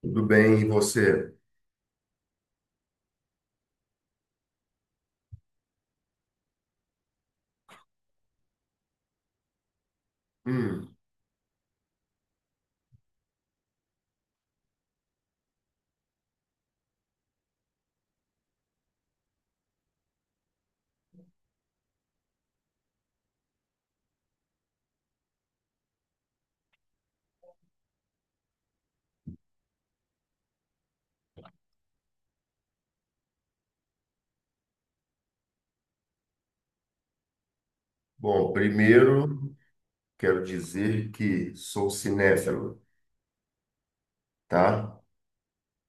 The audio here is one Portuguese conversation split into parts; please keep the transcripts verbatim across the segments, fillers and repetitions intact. Tudo bem, e você? Hum, Bom, primeiro quero dizer que sou cinéfilo, tá?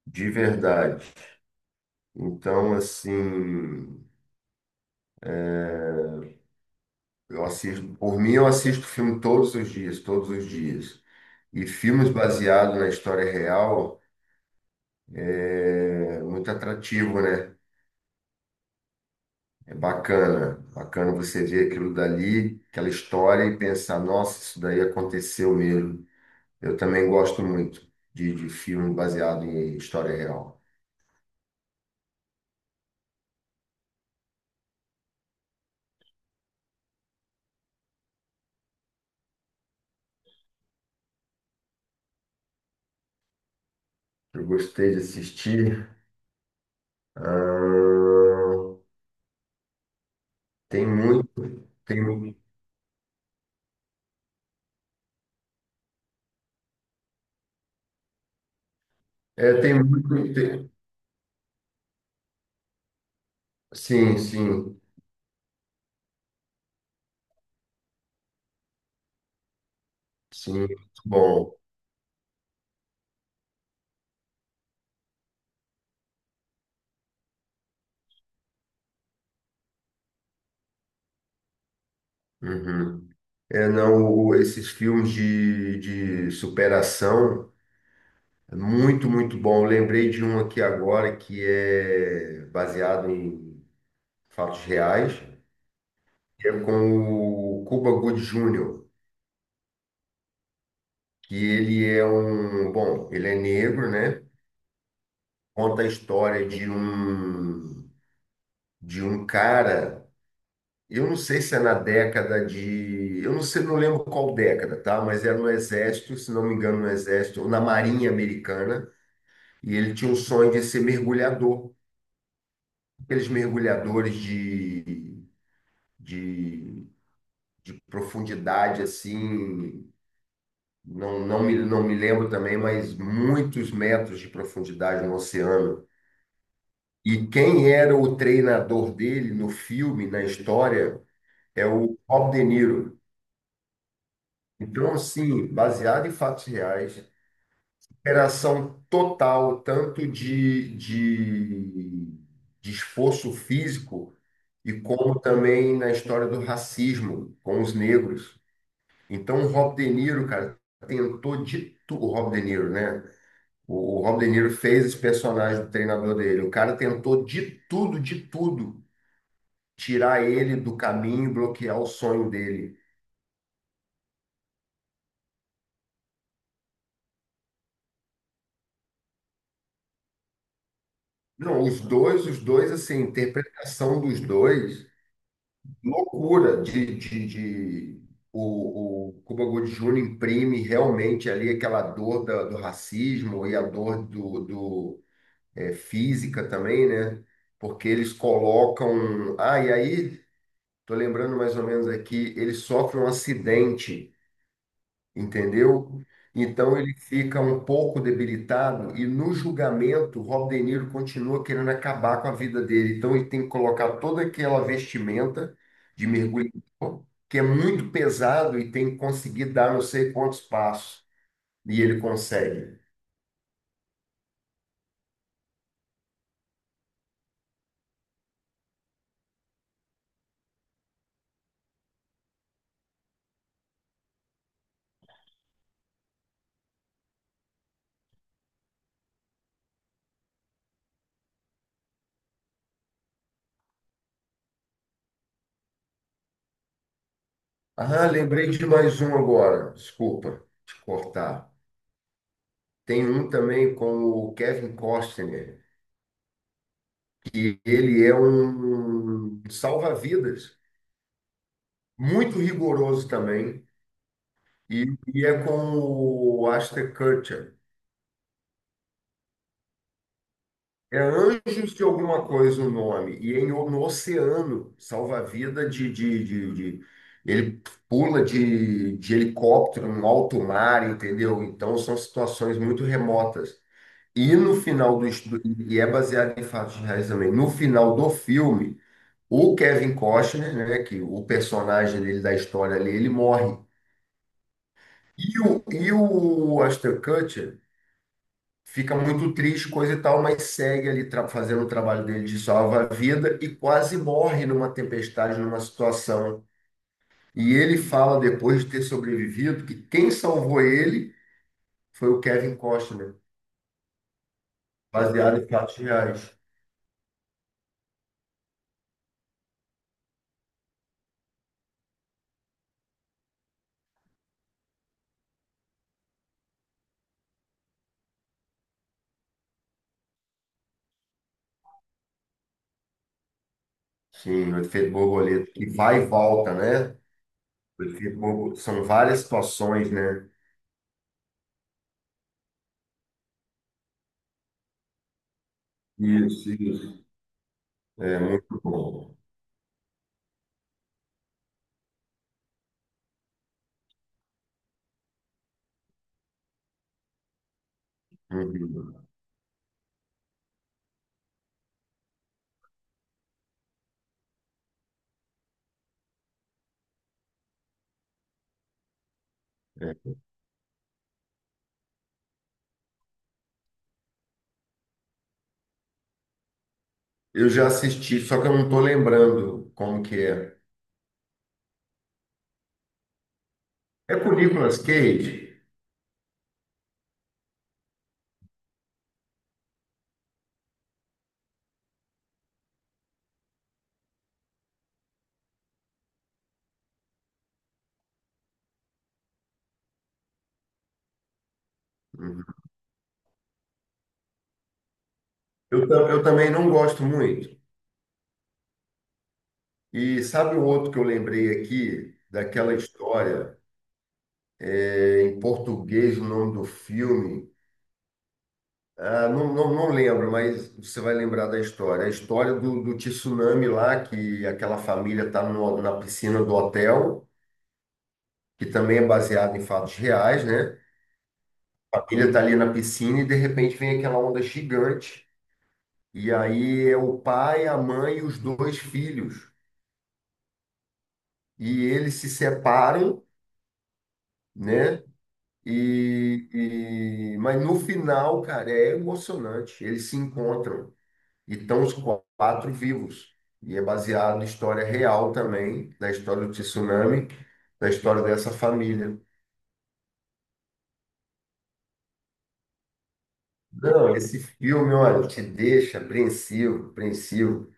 De verdade. Então, assim, é, eu assisto, por mim eu assisto filme todos os dias, todos os dias. E filmes baseados na história real é muito atrativo, né? É bacana, bacana você ver aquilo dali, aquela história e pensar, nossa, isso daí aconteceu mesmo. Eu também gosto muito de, de filme baseado em história real. Eu gostei de assistir. ah, Tem muito, tem, mu- é, tem muito. Tem- sim, sim, sim, muito bom. Uhum. É, não, o- esses filmes de, de superação, é muito, muito bom. Eu lembrei de um aqui agora que é baseado em fatos reais, que é com o Cuba Gooding júnior que ele é um, bom, ele é negro, né? Conta a história de um de um cara, eu não sei se é na década de, eu não sei, não lembro qual década, tá? Mas era no exército, se não me engano, no exército ou na Marinha Americana, e ele tinha o sonho de ser mergulhador, aqueles mergulhadores de de, de profundidade assim, não, não me, não me lembro também, mas muitos metros de profundidade no oceano. E quem era o treinador dele no filme, na história, é o Rob De Niro. Então, assim, baseado em fatos reais, operação total, tanto de, de, de esforço físico, e como também na história do racismo com os negros. Então, o Rob De Niro, cara, tentou de tudo. O Rob De Niro, né? O, o Rob De Niro fez esse personagem do treinador dele. O cara tentou de tudo, de tudo tirar ele do caminho, bloquear o sonho dele. Não, os dois, os dois, assim, a interpretação dos dois, loucura de, de, de- o, o Cuba Gooding júnior imprime realmente ali aquela dor da- do racismo e a dor do, do é, física também, né? Porque eles colocam, ah, e aí, tô lembrando mais ou menos aqui, ele sofre um acidente, entendeu? Então ele fica um pouco debilitado e no julgamento Rob De Niro continua querendo acabar com a vida dele. Então ele tem que colocar toda aquela vestimenta de mergulhador, que é muito pesado e tem que conseguir dar não sei quantos passos. E ele consegue. Ah, lembrei de mais um agora. Desculpa te cortar. Tem um também com o Kevin Costner. Ele é um salva-vidas, muito rigoroso também. E, e é com o Ashton Kutcher. É Anjos de alguma coisa o nome. E é em, no oceano, salva-vida de, de, de, de- ele pula de, de helicóptero no alto mar, entendeu? Então são situações muito remotas. E no final do estudo, e é baseado em fatos reais também, no final do filme, o Kevin Costner, né, que o personagem dele da história ali, ele morre. E o, e o Ashton Kutcher fica muito triste, coisa e tal, mas segue ali tra- fazendo o trabalho dele de salva-vida e quase morre numa tempestade, numa situação. E ele fala, depois de ter sobrevivido, que quem salvou ele foi o Kevin Costner, baseado em fatos reais. Sim, o efeito borboleta, que vai e volta, né? O efeito borbo- são várias situações, né? Isso, isso. É muito bom. Uhum. É. Eu já assisti, só que eu não estou lembrando como que é. É com o Nicolas Cage? Uhum. Eu, tam- eu também não gosto muito. E sabe o outro que eu lembrei aqui, daquela história, é, em português, o nome do filme? Ah, não, não, não lembro, mas você vai lembrar da história. A história do, do tsunami lá, que aquela família está na piscina do hotel, que também é baseado em fatos reais, né? A família está ali na piscina e de repente vem aquela onda gigante. E aí é o pai, a mãe e os dois filhos. E eles se separam, né? E, e- mas no final, cara, é emocionante. Eles se encontram e estão os quatro vivos. E é baseado na história real também, da história do tsunami, da história dessa família. Não, esse filme, olha, te deixa apreensivo, apreensivo.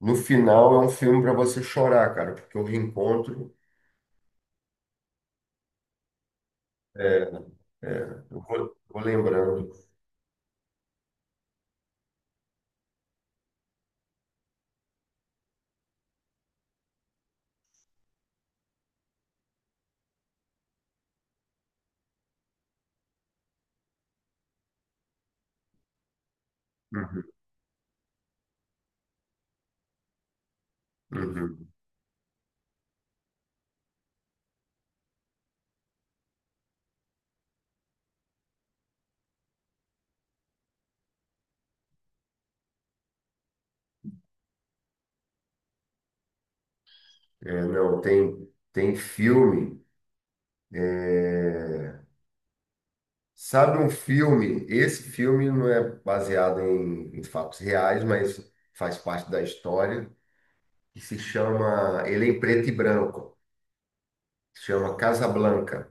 No final é um filme para você chorar, cara, porque o reencontro, é, eu vou, vou lembrando. Uhum, uhum. É, não, tem, tem filme. é, Sabe um filme? Esse filme não é baseado em, em fatos reais, mas faz parte da história, que se chama, ele é em preto e branco, se chama Casablanca,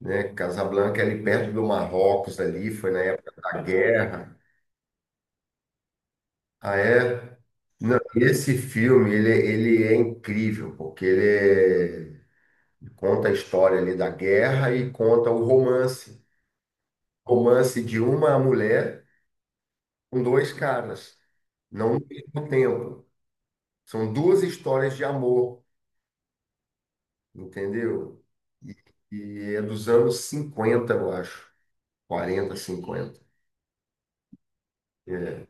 né? Casablanca é ali perto do Marrocos ali, foi na época da guerra. Ah, é? Não, esse filme, ele, ele é incrível, porque ele é- conta a história ali da guerra e conta o romance, romance de uma mulher com dois caras, não no mesmo tempo. São duas histórias de amor, entendeu? E, e é dos anos cinquenta, eu acho. Quarenta, cinquenta. É.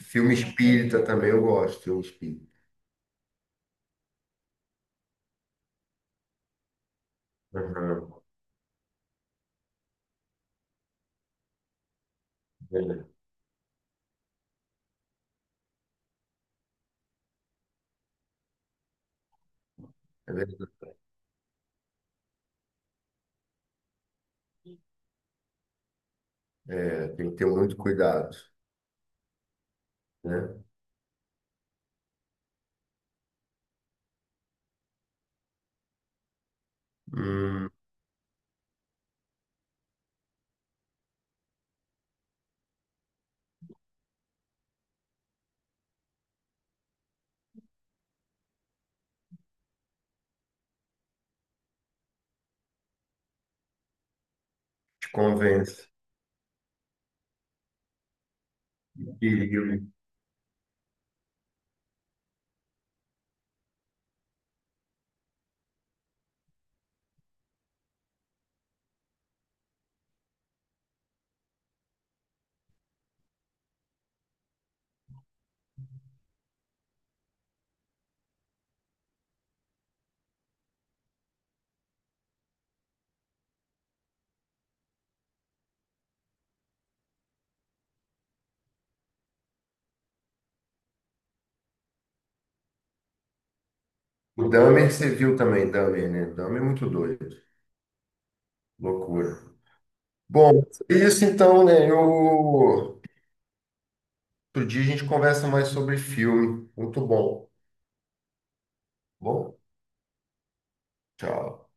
Filme espírita também eu gosto, filme espírita. Aham, é, é verdade. É, tem que ter muito cuidado, né? Hum, te convence. Perigo. O Dahmer você viu também, Dahmer, né? Dahmer é muito doido. Loucura. Bom, é isso então, né? Eu outro dia a gente conversa mais sobre filme. Muito bom. Bom, tchau.